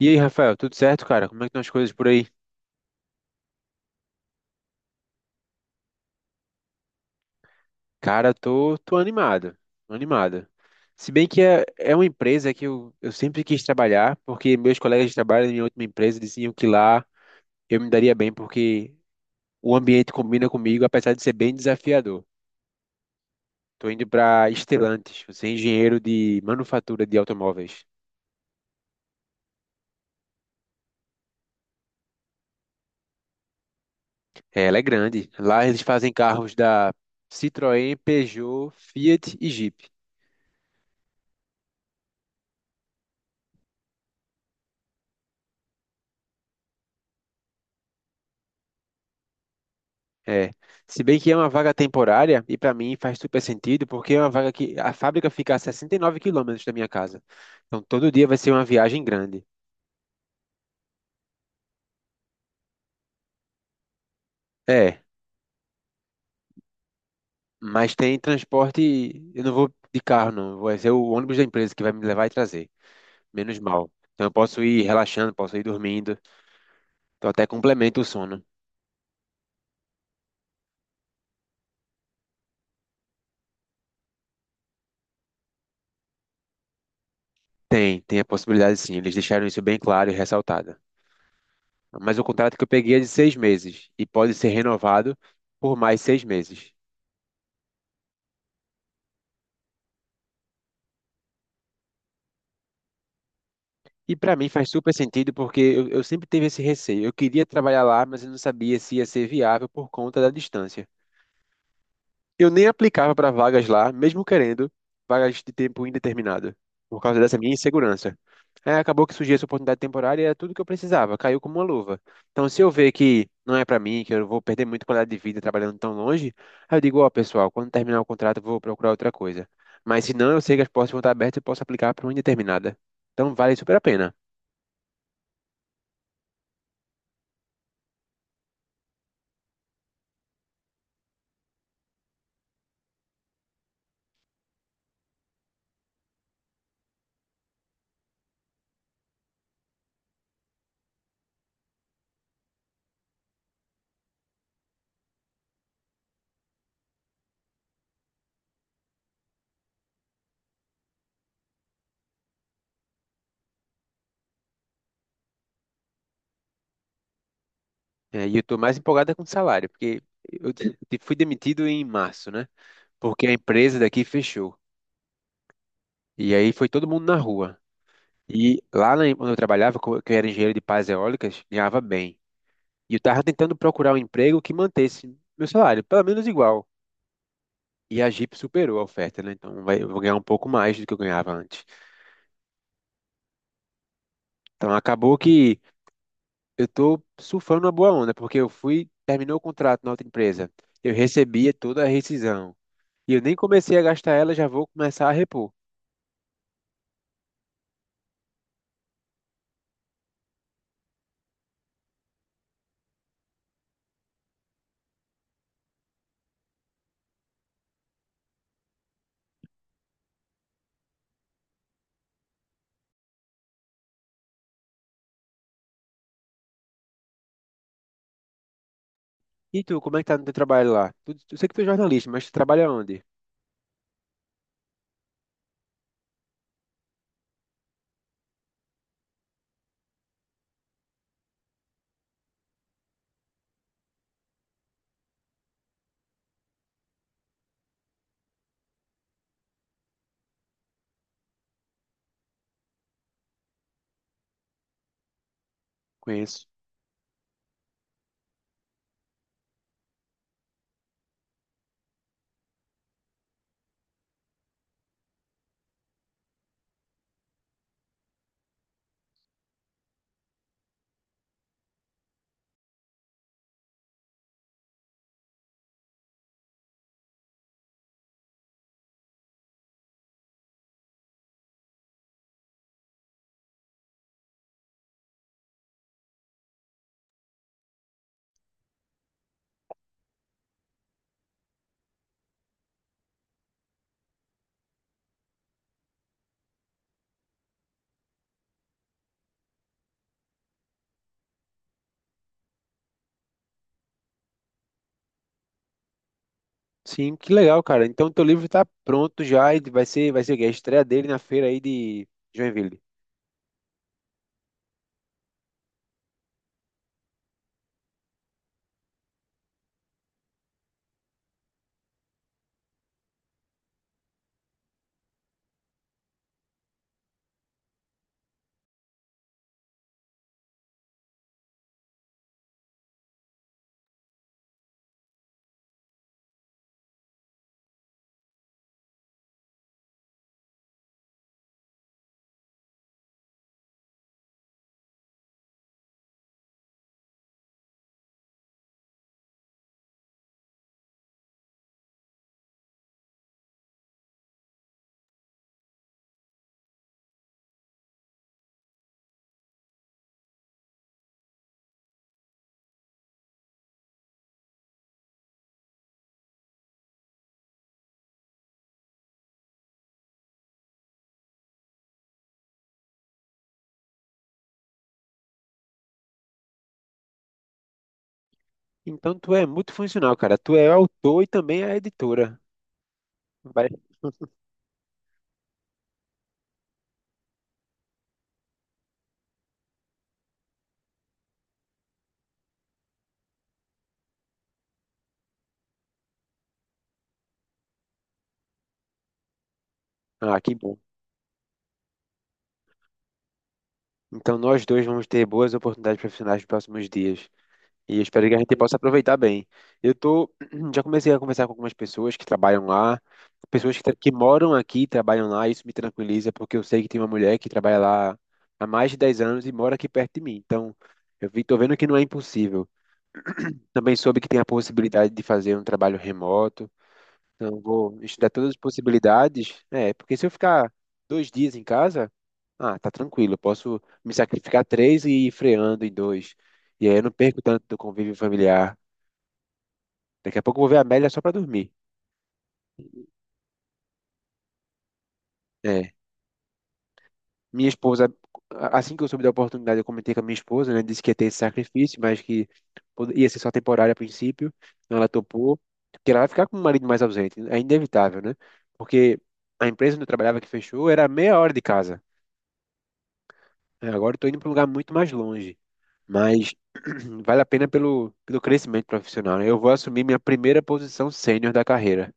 E aí, Rafael, tudo certo, cara? Como é que estão as coisas por aí? Cara, tô animado, tô animado. Se bem que é uma empresa que eu sempre quis trabalhar, porque meus colegas de trabalho na minha última empresa diziam que lá eu me daria bem, porque o ambiente combina comigo, apesar de ser bem desafiador. Tô indo para Stellantis, eu sou engenheiro de manufatura de automóveis. É, ela é grande. Lá eles fazem carros da Citroën, Peugeot, Fiat e Jeep. É, se bem que é uma vaga temporária, e para mim faz super sentido, porque é uma vaga que a fábrica fica a 69 km da minha casa. Então todo dia vai ser uma viagem grande. É, mas tem transporte, eu não vou de carro não, vai ser o ônibus da empresa que vai me levar e trazer, menos mal. Então eu posso ir relaxando, posso ir dormindo, então até complementa o sono. Tem a possibilidade sim, eles deixaram isso bem claro e ressaltado. Mas o contrato que eu peguei é de 6 meses, e pode ser renovado por mais 6 meses. E para mim faz super sentido porque eu sempre tive esse receio. Eu queria trabalhar lá, mas eu não sabia se ia ser viável por conta da distância. Eu nem aplicava para vagas lá, mesmo querendo vagas de tempo indeterminado, por causa dessa minha insegurança. Aí acabou que surgiu essa oportunidade temporária e era tudo que eu precisava, caiu como uma luva. Então, se eu ver que não é para mim, que eu vou perder muita qualidade de vida trabalhando tão longe, aí eu digo, ó, pessoal, quando terminar o contrato, eu vou procurar outra coisa. Mas se não, eu sei que as portas vão estar abertas e eu posso aplicar para uma indeterminada. Então, vale super a pena. É, e eu tô mais empolgado é com o salário, porque eu fui demitido em março, né? Porque a empresa daqui fechou. E aí foi todo mundo na rua. E lá onde eu trabalhava, que eu era engenheiro de pás eólicas, ganhava bem. E eu tava tentando procurar um emprego que mantesse meu salário, pelo menos igual. E a Jeep superou a oferta, né? Então vai, eu vou ganhar um pouco mais do que eu ganhava antes. Então acabou que eu tô surfando uma boa onda, porque terminou o contrato na outra empresa. Eu recebia toda a rescisão. E eu nem comecei a gastar ela, já vou começar a repor. E tu, como é que tá no teu trabalho lá? Tu, eu sei que tu é jornalista, mas tu trabalha onde? Conheço. Sim, que legal, cara. Então teu livro tá pronto já e vai ser a estreia dele na feira aí de Joinville. Então tu é multifuncional, cara. Tu é autor e também é editora. Vai- Ah, que bom. Então nós dois vamos ter boas oportunidades profissionais nos próximos dias. E eu espero que a gente possa aproveitar bem. Eu tô, já comecei a conversar com algumas pessoas que trabalham lá, pessoas que que moram aqui e trabalham lá, e isso me tranquiliza, porque eu sei que tem uma mulher que trabalha lá há mais de 10 anos e mora aqui perto de mim. Então, eu vi, tô vendo que não é impossível. Também soube que tem a possibilidade de fazer um trabalho remoto. Então, eu vou estudar todas as possibilidades. É, porque se eu ficar 2 dias em casa, ah, tá tranquilo, eu posso me sacrificar três e ir freando em dois. E aí eu não perco tanto do convívio familiar. Daqui a pouco eu vou ver a Amélia só pra dormir. É, minha esposa, assim que eu soube da oportunidade, eu comentei com a minha esposa, né? Disse que ia ter esse sacrifício, mas que ia ser só temporário a princípio. Então ela topou, porque ela vai ficar com o marido mais ausente. É inevitável, né? Porque a empresa onde eu trabalhava que fechou era a meia hora de casa. É, agora eu tô indo para um lugar muito mais longe. Mas vale a pena pelo crescimento profissional, né? Eu vou assumir minha primeira posição sênior da carreira.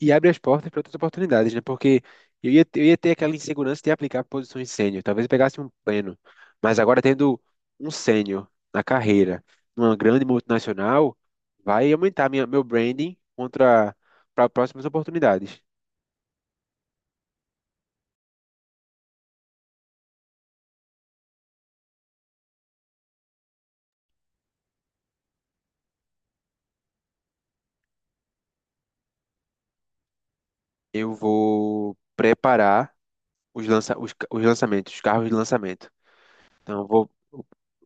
E abre as portas para outras oportunidades, né? Porque eu ia ter aquela insegurança de aplicar para posições sênior, talvez eu pegasse um pleno, mas agora tendo um sênior na carreira, numa grande multinacional, vai aumentar meu branding contra para próximas oportunidades. Eu vou preparar os lançamentos, os carros de lançamento. Então,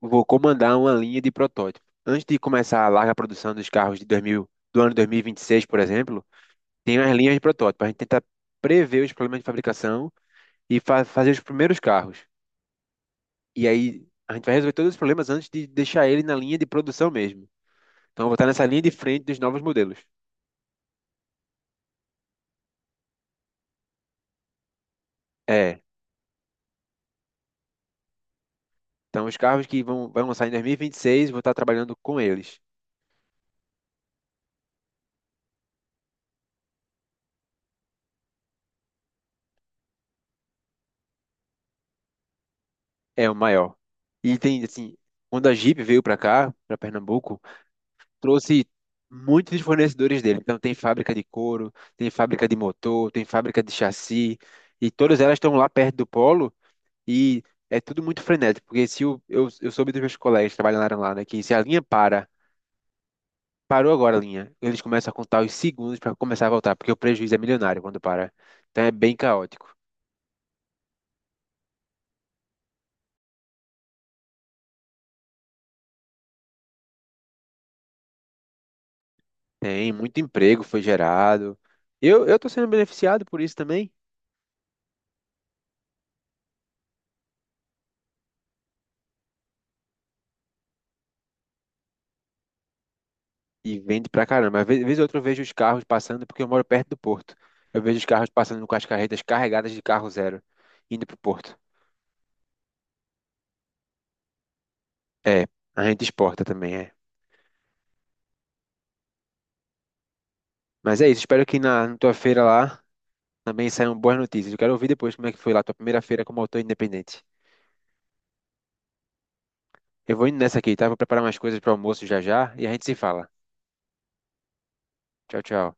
vou comandar uma linha de protótipo. Antes de começar a larga produção dos carros de 2000, do ano 2026, por exemplo, tem as linhas de protótipo. A gente tenta prever os problemas de fabricação e fazer os primeiros carros. E aí a gente vai resolver todos os problemas antes de deixar ele na linha de produção mesmo. Então eu vou estar nessa linha de frente dos novos modelos. É. Então os carros que vão lançar em 2026, vou estar trabalhando com eles. É o maior. E tem assim, quando a Jeep veio para cá, para Pernambuco, trouxe muitos dos fornecedores dele. Então tem fábrica de couro, tem fábrica de motor, tem fábrica de chassi. E todas elas estão lá perto do polo. E é tudo muito frenético, porque se o, eu soube dos meus colegas que trabalharam lá, né, que se a linha para, parou agora a linha, eles começam a contar os segundos para começar a voltar, porque o prejuízo é milionário quando para. Então é bem caótico. Tem muito emprego foi gerado. Eu tô sendo beneficiado por isso também. E vende pra caramba. Vez ou outra eu vejo os carros passando, porque eu moro perto do porto. Eu vejo os carros passando com as carretas carregadas de carro zero, indo pro porto. É, a gente exporta também, é. Mas é isso, espero que na tua feira lá também saíram boas notícias. Eu quero ouvir depois como é que foi lá tua primeira feira como autor independente. Eu vou indo nessa aqui, tá? Vou preparar umas coisas para almoço já já e a gente se fala. Tchau, tchau.